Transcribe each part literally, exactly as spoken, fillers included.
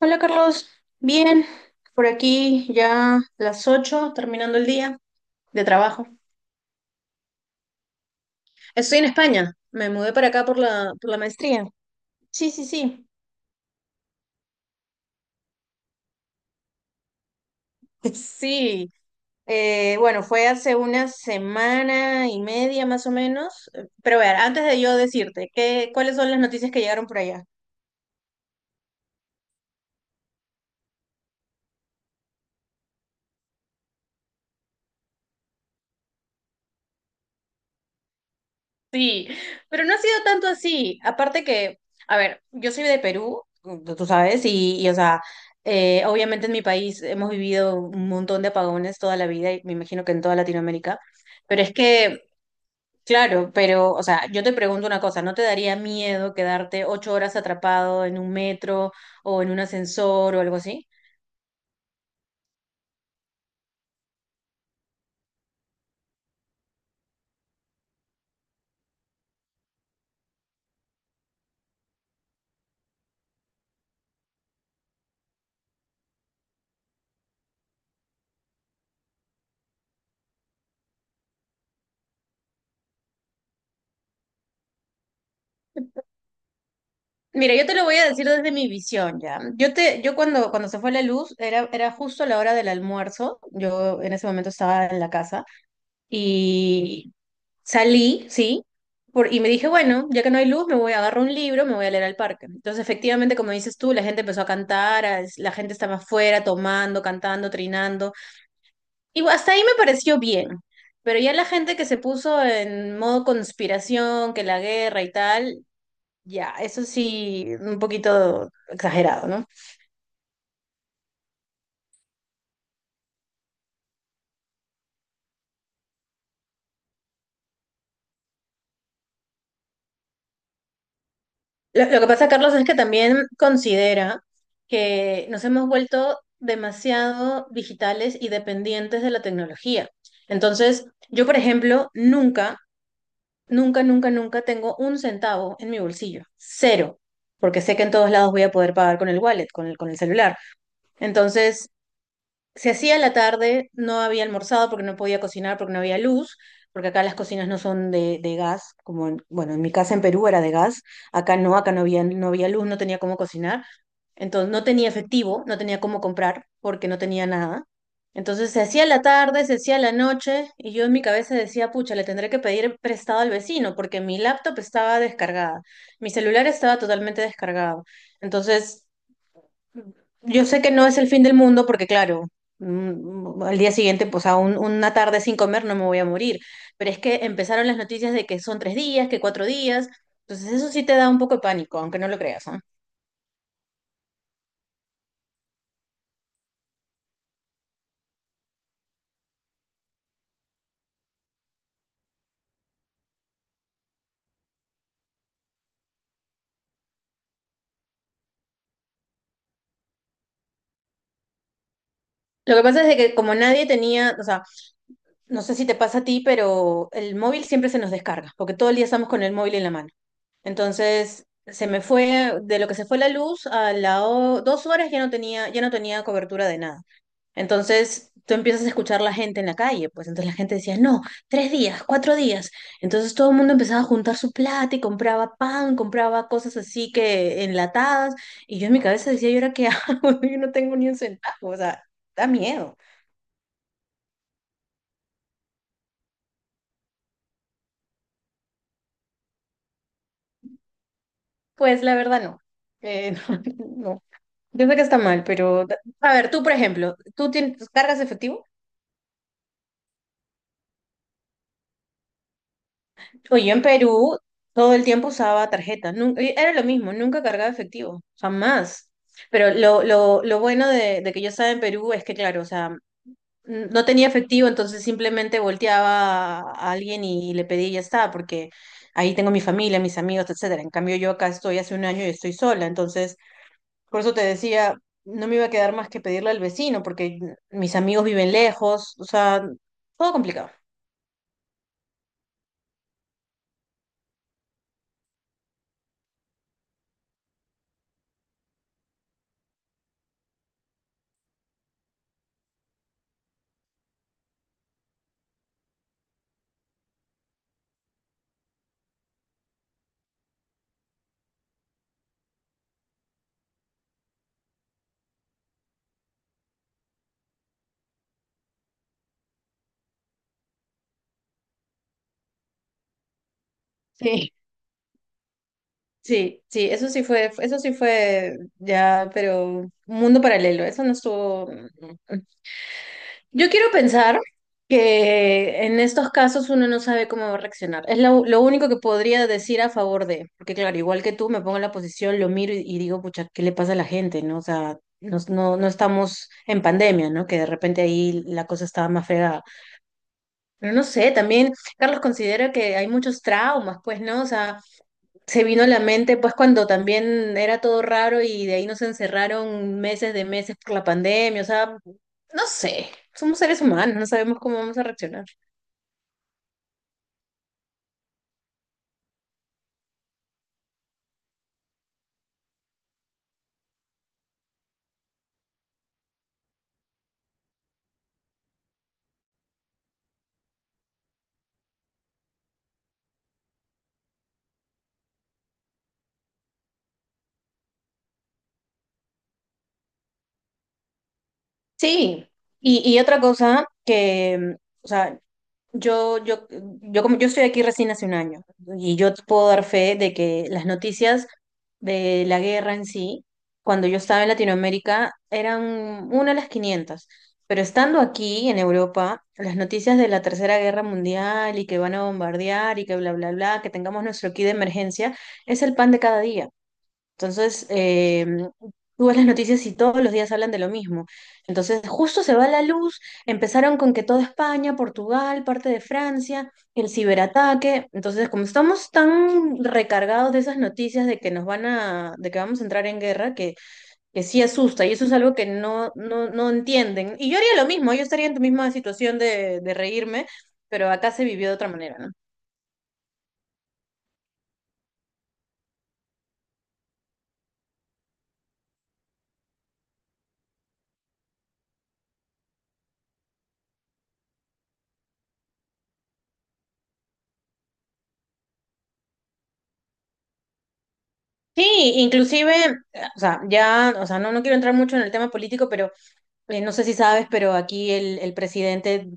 Hola Carlos, bien, por aquí ya las ocho, terminando el día de trabajo. Estoy en España, me mudé para acá por la, por la maestría. Sí, sí, sí, sí. Eh, bueno, fue hace una semana y media más o menos, eh, pero a ver, antes de yo decirte, ¿qué, cuáles son las noticias que llegaron por allá? Sí, pero no ha sido tanto así. Aparte que, a ver, yo soy de Perú. mm, tú tú sabes, y, y, o sea, eh, obviamente en mi país hemos vivido un montón de apagones toda la vida y me imagino que en toda Latinoamérica. Pero es que, claro, pero, o sea, yo te pregunto una cosa, ¿no te daría miedo quedarte ocho horas atrapado en un metro o en un ascensor o algo así? Mira, yo te lo voy a decir desde mi visión ya. Yo te, yo cuando, cuando se fue la luz, era, era justo la hora del almuerzo. Yo en ese momento estaba en la casa. Y salí, sí, por- y me dije, bueno, ya que no hay luz, me voy a agarrar un libro, me voy a leer al parque. Entonces, efectivamente, como dices tú, la gente empezó a cantar, a- la gente estaba afuera tomando, cantando, trinando. Y bu- hasta ahí me pareció bien. Pero ya la gente que se puso en modo conspiración, que la guerra y tal, ya, eso sí, un poquito exagerado, ¿no? Lo, lo que pasa, Carlos, es que también considera que nos hemos vuelto demasiado digitales y dependientes de la tecnología. Entonces, yo, por ejemplo, nunca, nunca, nunca, nunca tengo un centavo en mi bolsillo. Cero. Porque sé que en todos lados voy a poder pagar con el wallet, con el, con el celular. Entonces, se hacía la tarde, no había almorzado porque no podía cocinar, porque no había luz, porque acá las cocinas no son de, de gas, como en, bueno, en mi casa en Perú era de gas, acá no, acá no había, no había luz, no tenía cómo cocinar, entonces no tenía efectivo, no tenía cómo comprar porque no tenía nada. Entonces se hacía la tarde, se hacía la noche y yo en mi cabeza decía, pucha, le tendré que pedir prestado al vecino porque mi laptop estaba descargada, mi celular estaba totalmente descargado. Entonces yo sé que no es el fin del mundo porque, claro, mm, al día siguiente, pues a un- una tarde sin comer no me voy a morir, pero es que empezaron las noticias de que son tres días, que cuatro días, entonces eso sí te da un poco de pánico, aunque no lo creas, ¿ah? Lo que pasa es de que como nadie tenía, o sea, no sé si te pasa a ti, pero el móvil siempre se nos descarga, porque todo el día estamos con el móvil en la mano. Entonces, se me fue, de lo que se fue la luz, a las dos horas ya no tenía, ya no tenía cobertura de nada. Entonces tú empiezas a escuchar la gente en la calle, pues entonces la gente decía, no, tres días, cuatro días. Entonces todo el mundo empezaba a juntar su plata y compraba pan, compraba cosas así que enlatadas. Y yo en mi cabeza decía, ¿y ahora qué hago? Yo no tengo ni un centavo, o sea, da miedo. Pues la verdad no. Eh, no, no. Yo sé que está mal, pero a ver, tú por ejemplo, ¿tú tienes, cargas efectivo? Oye, en Perú todo el tiempo usaba tarjeta, nun- eh, era lo mismo, nunca cargaba efectivo, jamás. Pero lo, lo, lo bueno de, de que yo estaba en Perú es que, claro, o sea, n- no tenía efectivo, entonces simplemente volteaba a alguien y le pedía y ya está, porque ahí tengo mi familia, mis amigos, etcétera. En cambio, yo acá estoy hace un año y estoy sola, entonces por eso te decía, no me iba a quedar más que pedirle al vecino, porque mis amigos viven lejos, o sea, todo complicado. Sí, sí, sí, eso sí fue. Eso sí fue ya, pero un mundo paralelo, eso no estuvo. mm, Yo quiero pensar que en estos casos uno no sabe cómo va a reaccionar. Es lo, lo único que podría decir a favor de, porque claro, igual que tú, me pongo en la posición, lo miro y, y digo, pucha, ¿qué le pasa a la gente? ¿No? O sea, nos- no, no estamos en pandemia, ¿no? Que de repente ahí la cosa estaba más fregada. Pero no sé, también Carlos considera que hay muchos traumas, pues, ¿no? O sea, se vino a la mente pues cuando también era todo raro y de ahí nos encerraron meses de meses por la pandemia, o sea, no sé, somos seres humanos, no sabemos cómo vamos a reaccionar. Sí, y, y otra cosa que, o sea, Yo, yo, yo, como, yo estoy aquí recién hace un año y yo te puedo dar fe de que las noticias de la guerra en sí, cuando yo estaba en Latinoamérica, eran una a las quinientas. Pero estando aquí en Europa, las noticias de la Tercera Guerra Mundial y que van a bombardear y que bla, bla, bla, que tengamos nuestro kit de emergencia, es el pan de cada día. Entonces, eh, tú ves las noticias y todos los días hablan de lo mismo. Entonces, justo se va la luz, empezaron con que toda España, Portugal, parte de Francia, el ciberataque. Entonces, como estamos tan recargados de esas noticias de que nos van a, de que vamos a entrar en guerra, que, que sí asusta, y eso es algo que no, no, no entienden. Y yo haría lo mismo, yo estaría en tu misma situación de, de reírme, pero acá se vivió de otra manera, ¿no? Sí, inclusive, eh, o sea, ya, o sea, no, no quiero entrar mucho en el tema político, pero Eh, no sé si sabes, pero aquí el, el presidente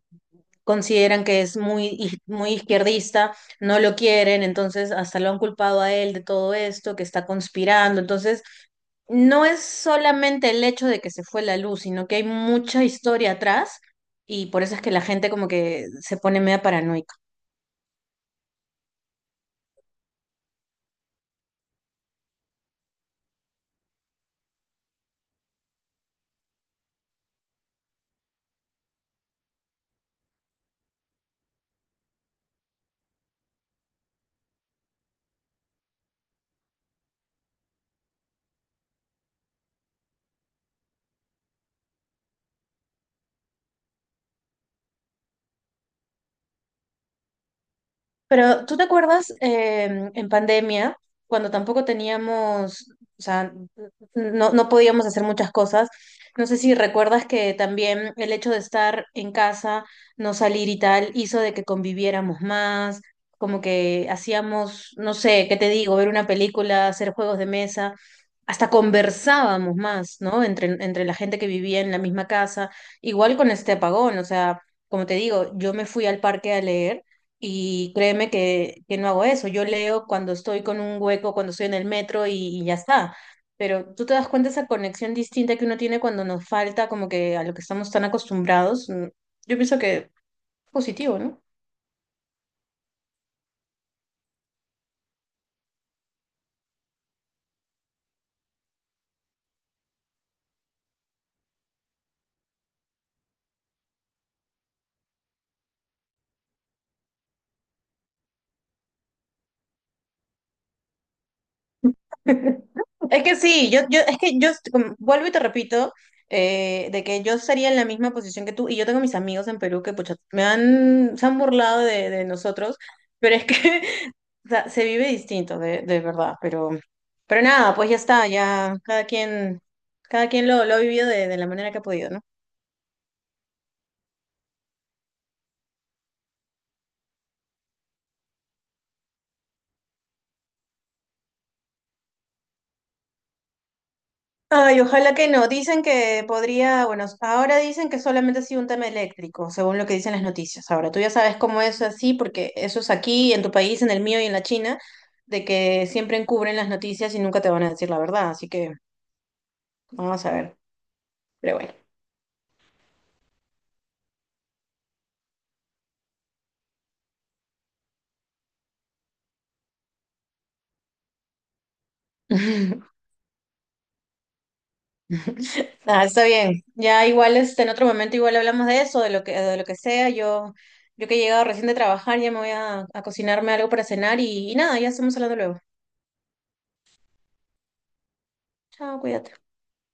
consideran que es muy, iz- muy izquierdista, no lo quieren, entonces hasta lo han culpado a él de todo esto, que está conspirando. Entonces, no es solamente el hecho de que se fue la luz, sino que hay mucha historia atrás y por eso es que la gente como que se pone media paranoica. Pero ¿tú te acuerdas em, en pandemia, cuando tampoco teníamos, o sea, no, no podíamos hacer muchas cosas? No sé si recuerdas que también el hecho de estar en casa, no salir y tal, hizo de que conviviéramos más, como que hacíamos, no sé, ¿qué te digo? Ver una película, hacer juegos de mesa, hasta conversábamos más, ¿no? Entre, entre la gente que vivía en la misma casa, igual con este apagón, o sea, como te digo, yo me fui al parque a leer. Y créeme que, que no hago eso. Yo leo cuando estoy con un hueco, cuando estoy en el metro y, y ya está. Pero tú te das cuenta esa conexión distinta que uno tiene cuando nos falta como que a lo que estamos tan acostumbrados. Mm, Yo pienso que es positivo, ¿no? Es que sí, yo, yo, es que yo est- como- vuelvo y te repito, eh, de que yo estaría en la misma posición que tú, y yo tengo mis amigos en Perú que pucha, me han, se han burlado de, de nosotros, pero es que o sea, se vive distinto, de, de verdad, pero, pero nada, pues ya está, ya cada quien, cada quien lo, lo ha vivido de, de la manera que ha podido, ¿no? Ay, ojalá que no. Dicen que podría, bueno, ahora dicen que solamente ha sido un tema eléctrico, según lo que dicen las noticias. Ahora, tú ya sabes cómo es así, porque eso es aquí, en tu país, en el mío y en la China, de que siempre encubren las noticias y nunca te van a decir la verdad, así que vamos a ver, pero bueno. Ah, está bien. Ya igual este, en otro momento igual hablamos de eso, de lo que, de lo que sea. Yo, yo que he llegado recién de trabajar, ya me voy a, a cocinarme algo para cenar y, y nada, ya estamos hablando luego. Chao, cuídate.